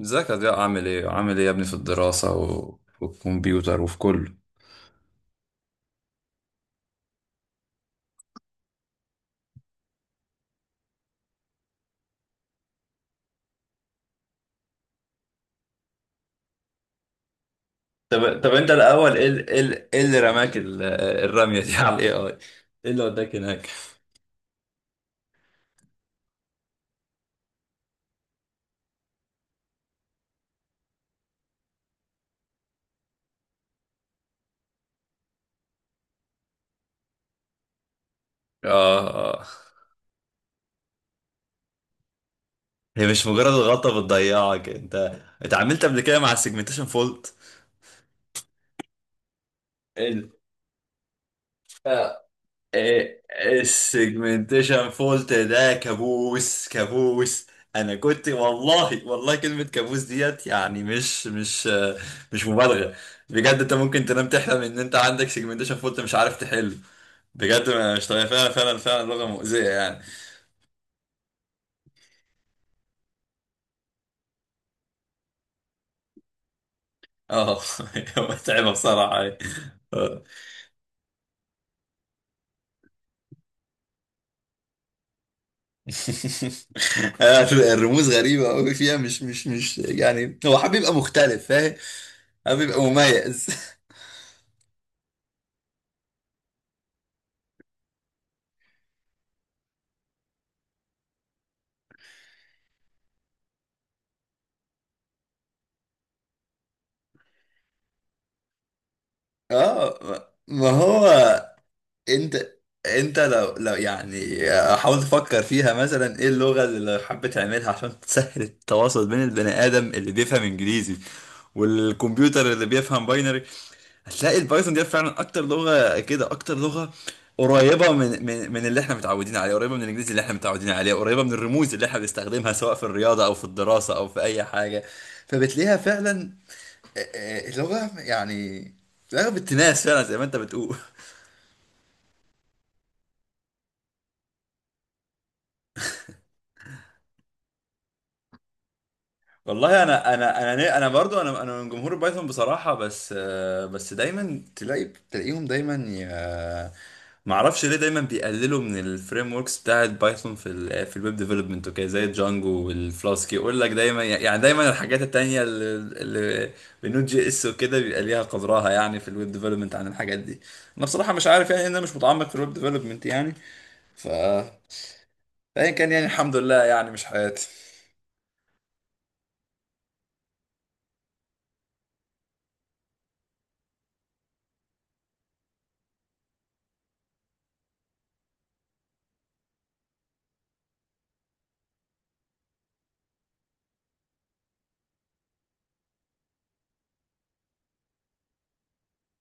ازيك يا ضياء، عامل ايه عامل ايه يا ابني، في الدراسة والكمبيوتر وفي كله؟ طب انت الاول، ايه اللي رماك الرميه دي على الاي اي؟ ايه اللي وداك هناك؟ اه. آه. هي مش مجرد غلطة بتضيعك انت. اتعاملت قبل كده مع السيجمنتيشن فولت؟ السيجمنتيشن فولت ده كابوس كابوس. انا كنت والله والله، كلمة كابوس ديت يعني مش مبالغة. بجد انت ممكن تنام تحلم ان انت عندك سيجمنتيشن فولت مش عارف تحله. بجد، مش طبيعي فعلا فعلا فعلا، لغة مؤذية يعني. اه. متعبة بصراحة. آه. الرموز غريبة أوي فيها، مش يعني هو حابب يبقى مختلف، فاهم؟ حابب يبقى مميز. اه. ما هو انت، لو يعني حاول تفكر فيها مثلا، ايه اللغة اللي حبيت تعملها عشان تسهل التواصل بين البني ادم اللي بيفهم انجليزي والكمبيوتر اللي بيفهم باينري؟ هتلاقي البايثون دي فعلا اكتر لغة كده، اكتر لغة قريبة من اللي احنا متعودين عليه، قريبة من الانجليزي اللي احنا متعودين عليه، قريبة من الرموز اللي احنا بنستخدمها سواء في الرياضة او في الدراسة او في اي حاجة. فبتلاقيها فعلا لغة يعني، لغة بالتناس فعلا زي ما انت بتقول. والله انا برضو انا من جمهور البايثون بصراحة، بس بس دايما تلاقي تلاقيهم دايما ما اعرفش ليه دايما بيقللوا من الفريم وركس بتاعه بايثون في في الويب ديفلوبمنت وكده، زي الجانجو والفلاسك. يقول لك دايما يعني، دايما الحاجات التانية اللي بالنوت جي اس وكده بيبقى ليها قدرها يعني في الويب ديفلوبمنت عن الحاجات دي. انا بصراحة مش عارف يعني، إن انا مش متعمق في الويب ديفلوبمنت يعني. ف فأيا كان يعني، الحمد لله يعني مش حياتي.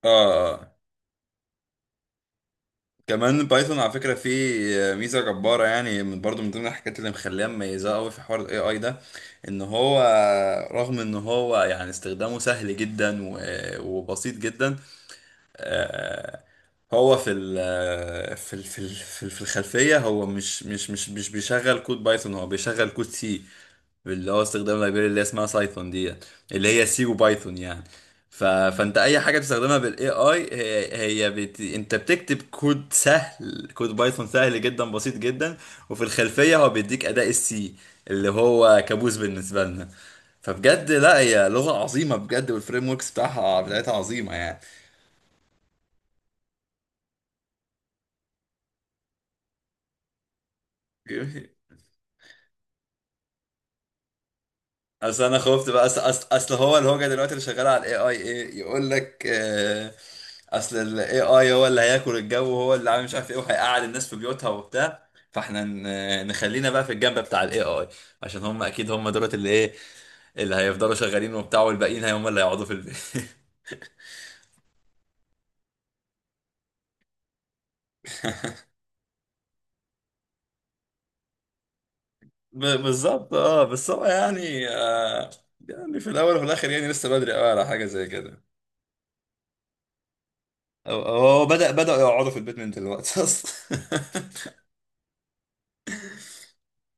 اه. آه. كمان بايثون على فكرة فيه ميزة جبارة يعني، من برضو من ضمن الحاجات اللي مخليها مميزة قوي في حوار الاي اي ده، ان هو رغم ان هو يعني استخدامه سهل جدا وبسيط جدا. آه، هو في ال آه، في ال في ال في ال- في الخلفية هو مش بيشغل كود بايثون، هو بيشغل كود سي، اللي هو استخدام لايبراري اللي اسمها سايثون دي، اللي هي سي وبايثون يعني. فانت اي حاجه بتستخدمها بالاي اي انت بتكتب كود سهل، كود بايثون سهل جدا بسيط جدا. وفي الخلفيه هو بيديك اداء السي، اللي هو كابوس بالنسبه لنا. فبجد لا، هي لغه عظيمه بجد، والفريم وركس بتاعتها عظيمه يعني. اصل انا خفت بقى، أصل هو الهوجه دلوقتي اللي شغاله على الاي اي ايه، يقول لك اصل الاي اي هو اللي هياكل الجو، وهو اللي عامل مش عارف ايه، وهيقعد الناس في بيوتها وبتاع. فاحنا نخلينا بقى في الجنب بتاع الاي اي، عشان هم اكيد دولت اللي ايه، اللي هيفضلوا شغالين وبتاع، والباقيين هم اللي هيقعدوا في البيت. بالظبط اه، بس هو يعني، آه، يعني في الاول وفي الاخر يعني لسه بدري قوي على حاجه زي كده. هو هو بدأ بدأوا يقعدوا في البيت من دلوقتي اصلا.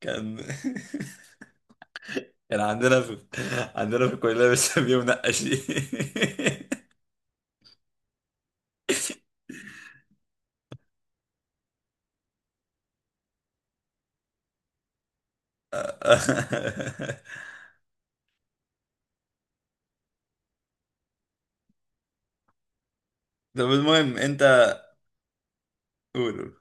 كان كان عندنا في عندنا في الكلية بنسميه منقشين. طب المهم انت، قول قول.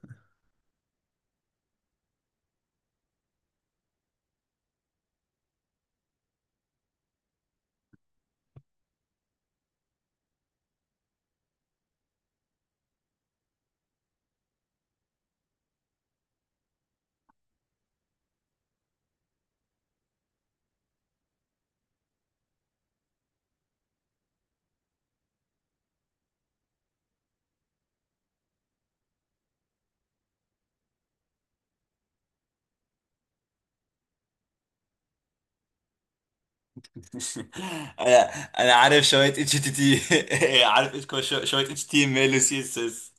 انا انا عارف شوية اتش تي تي. عارف شوية اتش تي ام ال وسي اس اس.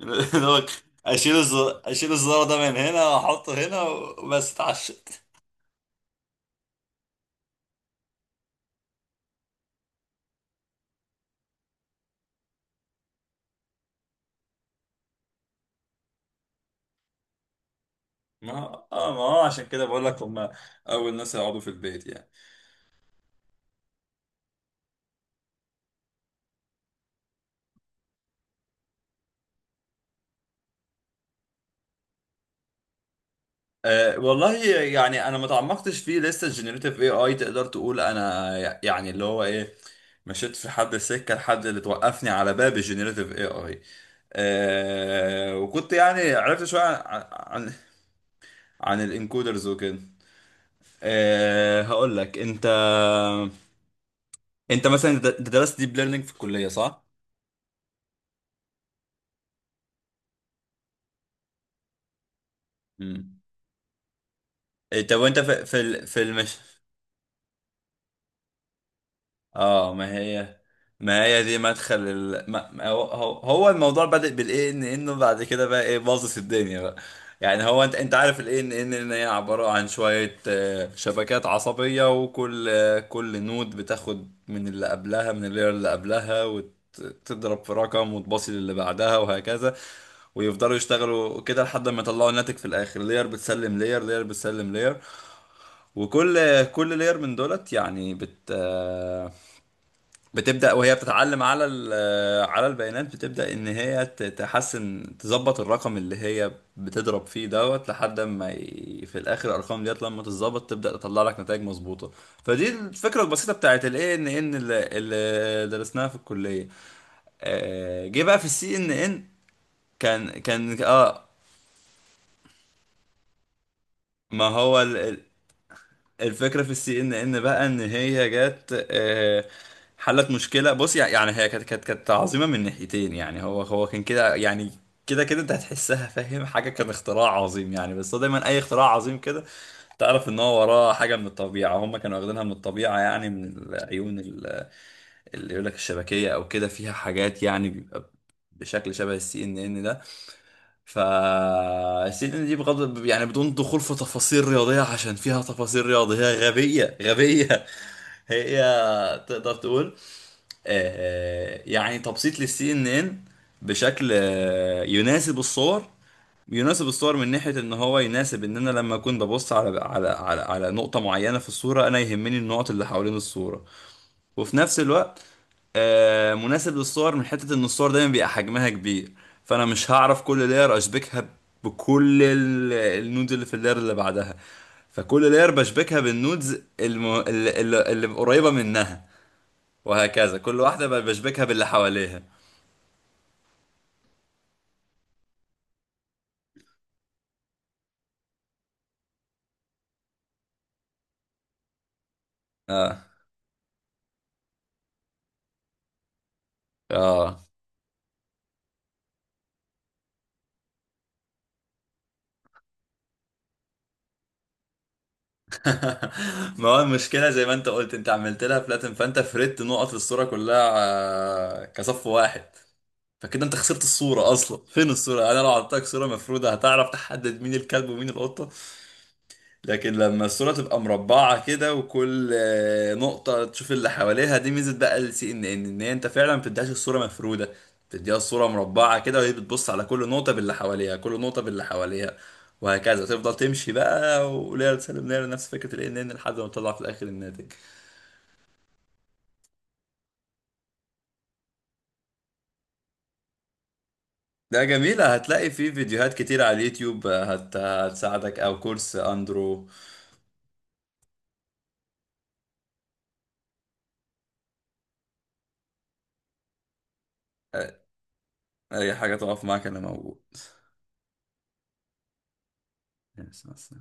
اللي هو اشيل الزرار ده من هنا واحطه هنا وبس، اتعشت. ما اه، ما هو عشان كده بقول لك هم اول ناس يقعدوا في البيت يعني. أه والله يعني، انا ما تعمقتش فيه لسه. الجنريتيف اي اي تقدر تقول انا يعني اللي هو ايه، مشيت في حد السكه لحد اللي توقفني على باب الجنريتيف اي اي. أه وكنت يعني عرفت شويه عن الانكودرز وكده. أه هقول لك انت، انت مثلا درست ديب ليرنينج في الكليه صح؟ امم. طب وانت في في المش... اه، ما هي، ما هي دي مدخل ال... ما... ما هو... هو الموضوع بدأ بالاي ان انه بعد كده بقى ايه، باظت الدنيا بقى. يعني هو انت، انت عارف الاي ان ان هي عبارة عن شوية شبكات عصبية، وكل كل نود بتاخد من اللي قبلها، من اللير اللي قبلها، وتضرب في رقم وتباصي للي بعدها وهكذا. ويفضلوا يشتغلوا كده لحد ما يطلعوا الناتج في الاخر، لير بتسلم لير لير بتسلم لير. كل لير من دولت يعني بت آه، بتبدأ وهي بتتعلم على على البيانات، بتبدأ إن هي تحسن تظبط الرقم اللي هي بتضرب فيه دوت لحد ما في الآخر، الأرقام ديت لما تتظبط تبدأ تطلع لك نتائج مظبوطة. فدي الفكرة البسيطة بتاعت ال ANN اللي درسناها في الكلية. جه بقى في السي ان ان. كان كان اه ما هو الفكرة في السي ان ان بقى ان هي جت، حلت مشكلة. بص، يعني هي كانت عظيمة من ناحيتين يعني. هو كان كده يعني، كده كده انت هتحسها، فاهم حاجة، كان اختراع عظيم يعني. بس هو دايما اي اختراع عظيم كده تعرف ان هو وراه حاجة من الطبيعة، هم كانوا واخدينها من الطبيعة يعني، من العيون اللي يقول لك الشبكية، او كده فيها حاجات يعني بيبقى بشكل شبه السي ان ان ده. فالسيدنا دي بغض يعني، بدون دخول في تفاصيل رياضية عشان فيها تفاصيل رياضية غبية غبية. هي تقدر تقول يعني تبسيط للسي ان ان بشكل يناسب الصور. يناسب الصور من ناحية ان هو يناسب ان انا لما اكون ببص على نقطة معينة في الصورة، انا يهمني النقط اللي حوالين الصورة. وفي نفس الوقت مناسب للصور من حتة ان الصور دايما بيبقى حجمها كبير. فانا مش هعرف كل لاير اشبكها بكل النودز اللي في اللاير اللي بعدها. فكل لاير بشبكها بالنودز الم... اللي, اللي اللي قريبة منها، وهكذا كل واحدة بشبكها باللي حواليها. اه اه. ما هو المشكلة زي ما انت قلت، انت عملت لها فلاتن، فانت فردت نقط الصورة كلها كصف واحد. فكده انت خسرت الصورة اصلا، فين الصورة؟ انا لو عطيتك صورة مفرودة هتعرف تحدد مين الكلب ومين القطة؟ لكن لما الصورة تبقى مربعة كده وكل نقطة تشوف اللي حواليها، دي ميزة بقى السي ان ان، ان هي انت فعلا ما بتديهاش الصورة مفرودة. بتديها الصورة مربعة كده، وهي بتبص على كل نقطة باللي حواليها، كل نقطة باللي حواليها. وهكذا تفضل تمشي بقى، وليلة تسلم ليلة نفس فكرة ال ان ان، لحد ما تطلع في الاخر الناتج. ده جميلة، هتلاقي فيه فيديوهات كتير على اليوتيوب هتساعدك، او كورس اندرو. آه، اي حاجة تقف معاك انا موجود. يس، بس.